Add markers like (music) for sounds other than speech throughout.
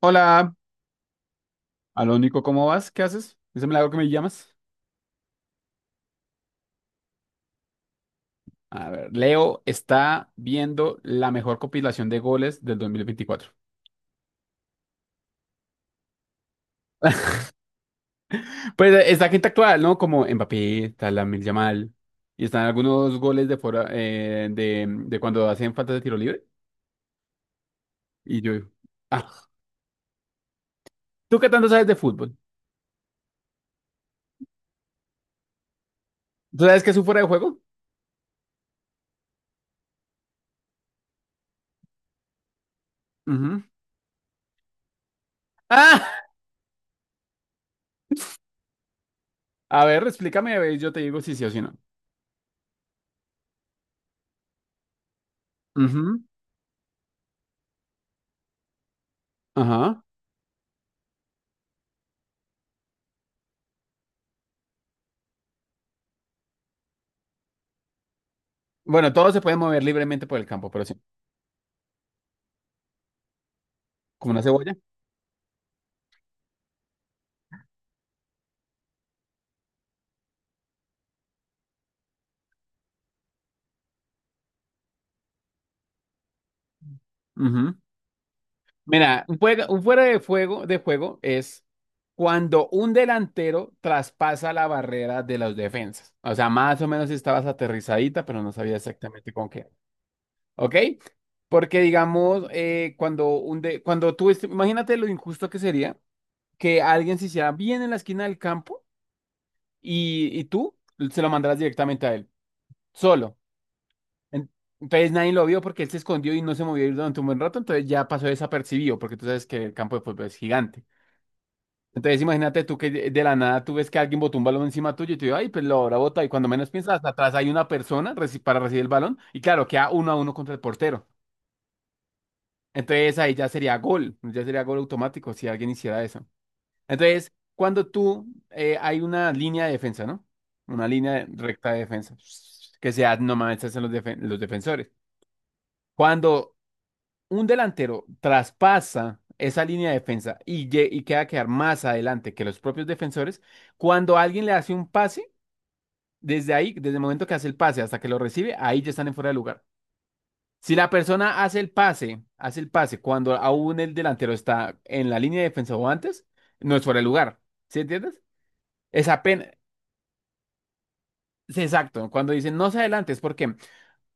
Hola, Alónico, ¿cómo vas? ¿Qué haces? Es el milagro que me llamas. A ver, Leo está viendo la mejor compilación de goles del 2024. Pues está gente actual, ¿no? Como Mbappé, está Lamine Yamal, y están algunos goles de fuera, de cuando hacen falta de tiro libre. Y yo, ah, ¿tú qué tanto sabes de fútbol? ¿Tú sabes qué es un fuera de juego? Ujú. Ah, a ver, explícame, a ver, yo te digo si sí o si no. Ujú. Ajá. Bueno, todos se pueden mover libremente por el campo, pero sí, como una cebolla. Ujú. Mira, un fuera de juego, es cuando un delantero traspasa la barrera de las defensas. O sea, más o menos estabas aterrizadita, pero no sabía exactamente con qué. ¿Ok? Porque digamos, cuando tú, imagínate lo injusto que sería que alguien se hiciera bien en la esquina del campo y tú se lo mandaras directamente a él, solo. En- Entonces nadie lo vio porque él se escondió y no se movió durante un buen rato, entonces ya pasó desapercibido, porque tú sabes que el campo de fútbol es gigante. Entonces imagínate tú que de la nada tú ves que alguien botó un balón encima tuyo y tú dices, ay, pues lo habrá botado. Y cuando menos piensas, hasta atrás hay una persona para recibir el balón y claro, queda uno a uno contra el portero. Entonces ahí ya sería gol automático si alguien hiciera eso. Entonces, cuando tú, hay una línea de defensa, ¿no? Recta de defensa, que sea, no mames, esos son los defensores. Cuando un delantero traspasa esa línea de defensa y queda a quedar más adelante que los propios defensores, cuando alguien le hace un pase, desde ahí, desde el momento que hace el pase hasta que lo recibe, ahí ya están en fuera de lugar. Si la persona hace el pase cuando aún el delantero está en la línea de defensa o antes, no es fuera de lugar. ¿Sí entiendes? Es apenas, es exacto. Cuando dicen no se adelante, es porque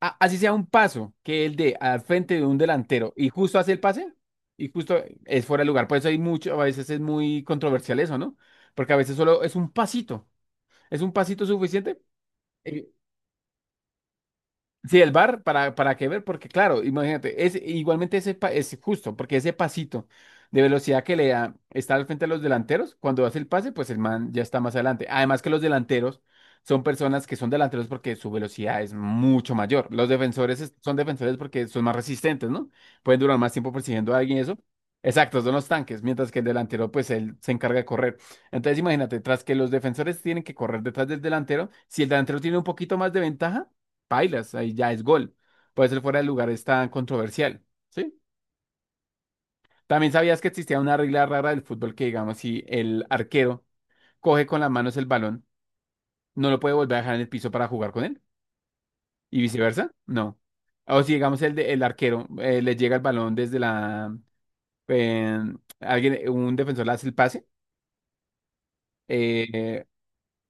así sea un paso que el de al frente de un delantero y justo hace el pase y justo es fuera de lugar. Por eso hay mucho, a veces es muy controversial eso, ¿no? Porque a veces solo es un pasito suficiente. eh, Sí, el bar, para qué ver, porque claro, imagínate, es, igualmente es justo, porque ese pasito de velocidad que le da está al frente de los delanteros, cuando hace el pase, pues el man ya está más adelante. Además que los delanteros son personas que son delanteros porque su velocidad es mucho mayor. Los defensores son defensores porque son más resistentes, ¿no? Pueden durar más tiempo persiguiendo a alguien y eso. Exacto, son los tanques, mientras que el delantero, pues él se encarga de correr. Entonces imagínate, tras que los defensores tienen que correr detrás del delantero, si el delantero tiene un poquito más de ventaja, pailas, ahí ya es gol. Puede ser fuera de lugar, es tan controversial, ¿sí? También sabías que existía una regla rara del fútbol que, digamos, si el arquero coge con las manos el balón, no lo puede volver a dejar en el piso para jugar con él y viceversa, no. O si, digamos, el arquero le llega el balón desde la... eh, alguien, un defensor le hace el pase, eh,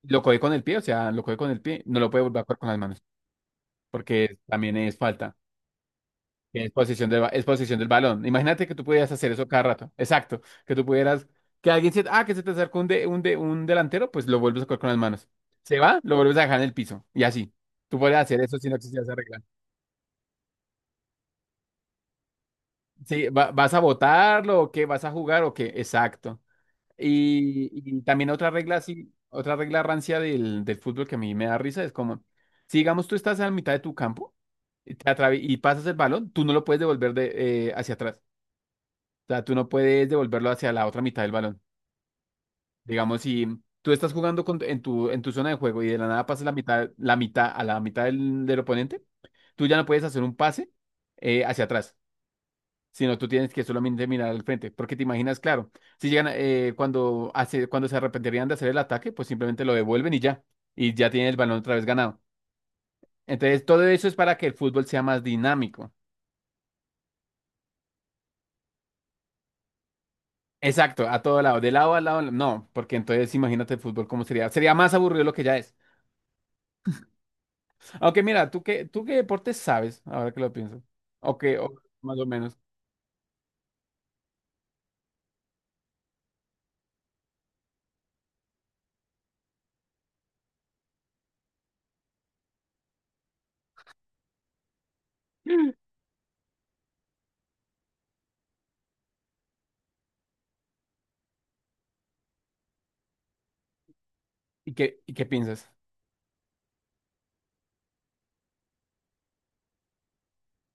lo coge con el pie, o sea, lo coge con el pie, no lo puede volver a jugar con las manos, porque también es falta. Tienes posición es posición del balón. Imagínate que tú pudieras hacer eso cada rato. Exacto. Que tú pudieras, que alguien se, que se te acerca un delantero, pues lo vuelves a coger con las manos. Se va, lo vuelves a dejar en el piso. Y así. Tú puedes hacer eso si no existiera esa regla. Sí, ¿vas a votarlo o qué? ¿Vas a jugar o qué? Exacto. Y, y también otra regla así, otra regla rancia del fútbol que a mí me da risa es como, si digamos tú estás a la mitad de tu campo y, y pasas el balón, tú no lo puedes devolver de, hacia atrás. Sea, tú no puedes devolverlo hacia la otra mitad del balón. Digamos, si tú estás jugando en tu zona de juego y de la nada pasas la mitad a la mitad del oponente, tú ya no puedes hacer un pase hacia atrás, sino tú tienes que solamente mirar al frente, porque te imaginas, claro, si llegan cuando hace, cuando se arrepentirían de hacer el ataque, pues simplemente lo devuelven y ya tienen el balón otra vez ganado. Entonces, todo eso es para que el fútbol sea más dinámico. Exacto, a todo lado, de lado a lado, no, porque entonces imagínate el fútbol cómo sería. Sería más aburrido lo que ya es. Aunque mira, ¿tú qué deporte sabes ahora que lo pienso? O más o menos. ¿Y qué piensas?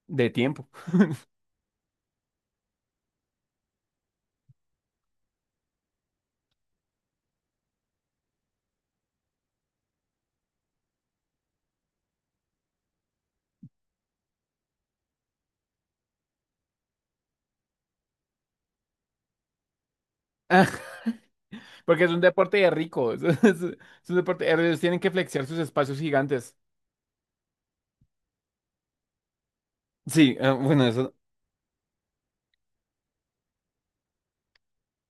De tiempo. (laughs) Porque es un deporte de ricos. (laughs) Es, un deporte. Ellos tienen que flexear sus espacios gigantes. Sí, bueno, eso.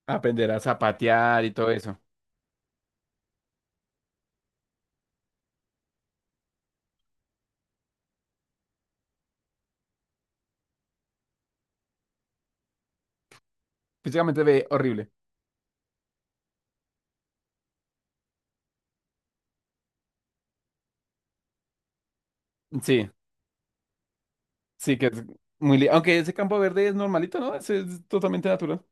Aprender a zapatear y todo eso. Físicamente ve horrible. Sí, sí, que es muy. Aunque ese campo verde es normalito, ¿no? Ese es totalmente natural.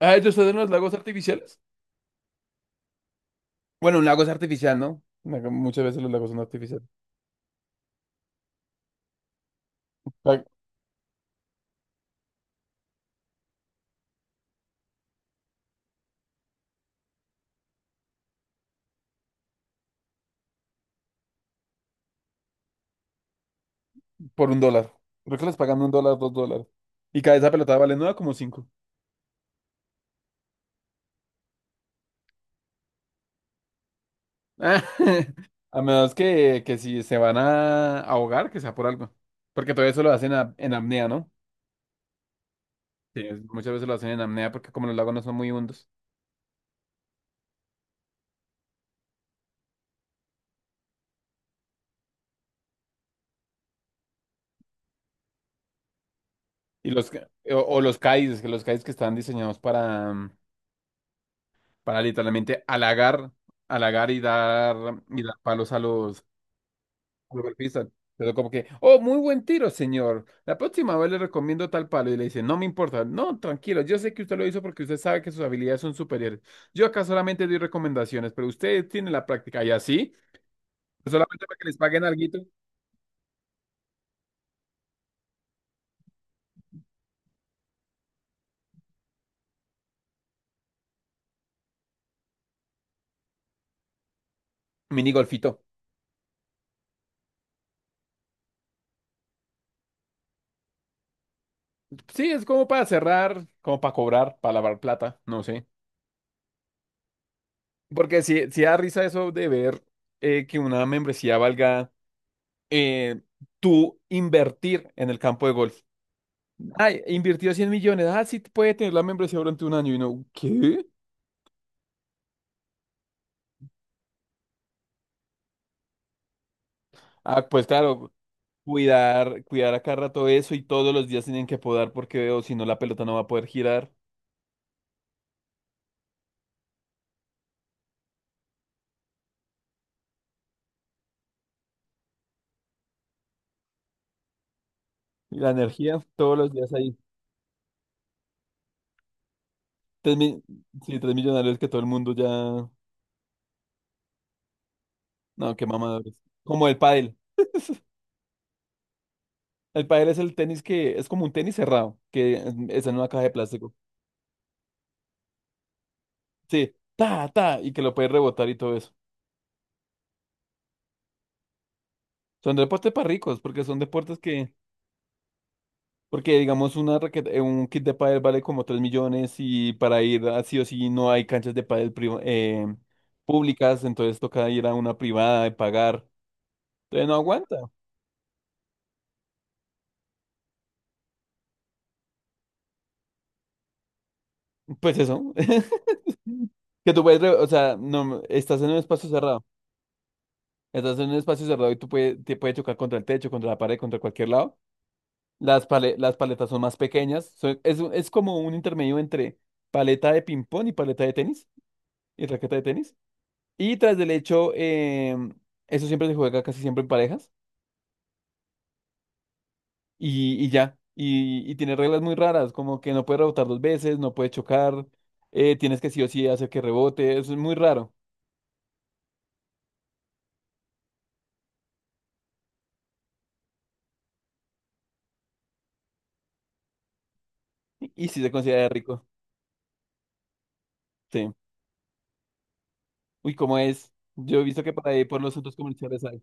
Ah, ¿ellos ustedes en los lagos artificiales? Bueno, un lago es artificial, ¿no? Muchas veces los lagos son artificiales. Por un dólar. Creo que les pagan $1, $2. Y cada esa pelota vale nueve como cinco. (laughs) A menos que si se van a ahogar, que sea por algo. Porque todo eso lo hacen en apnea, ¿no? Sí. Muchas veces lo hacen en apnea porque como los lagos no son muy hondos. O los cais que están diseñados para, para literalmente halagar, halagar y dar palos a los, lo golpizan. Pero como que, oh, muy buen tiro, señor. La próxima vez le recomiendo tal palo. Y le dice, no me importa. No, tranquilo. Yo sé que usted lo hizo porque usted sabe que sus habilidades son superiores. Yo acá solamente doy recomendaciones, pero usted tiene la práctica. Y así, pues solamente para que les paguen alguito, mini golfito. Sí, es como para cerrar, como para cobrar, para lavar plata, no sé. Porque si, si da risa eso de ver que una membresía valga eh, tú invertir en el campo de golf. Ay, invirtió 100 millones. Ah, sí, puede tener la membresía durante un año. Y no, ¿qué? Ah, pues claro, cuidar, cuidar a cada rato eso y todos los días tienen que podar porque o si no la pelota no va a poder girar. Y la energía, todos los días ahí. Tres mi- sí, tres millonarios que todo el mundo ya. No, qué mamadores. Como el pádel. El pádel es el tenis que es como un tenis cerrado, que es en una caja de plástico. Sí, ta, ta, y que lo puedes rebotar y todo eso. Son deportes para ricos, porque son deportes que porque, digamos, una raqueta, un kit de pádel vale como 3 millones y para ir así o sí no hay canchas de pádel públicas, entonces toca ir a una privada y pagar. Entonces no aguanta. Pues eso, (laughs) que tú puedes, o sea, no, estás en un espacio cerrado, estás en un espacio cerrado y tú puedes, te puede chocar contra el techo, contra la pared, contra cualquier lado. Las paletas son más pequeñas, es como un intermedio entre paleta de ping-pong y paleta de tenis y raqueta de tenis. Y tras del hecho, eso siempre se juega casi siempre en parejas y ya. Y tiene reglas muy raras, como que no puede rebotar dos veces, no puede chocar, tienes que sí o sí hacer que rebote, eso es muy raro. Y, si se considera rico, sí. Uy, ¿cómo es? Yo he visto que para ahí por los centros comerciales hay.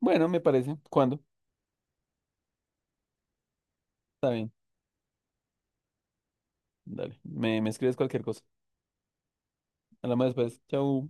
Bueno, me parece. ¿Cuándo? Está bien. Dale, me escribes cualquier cosa. Hablamos después. Chau.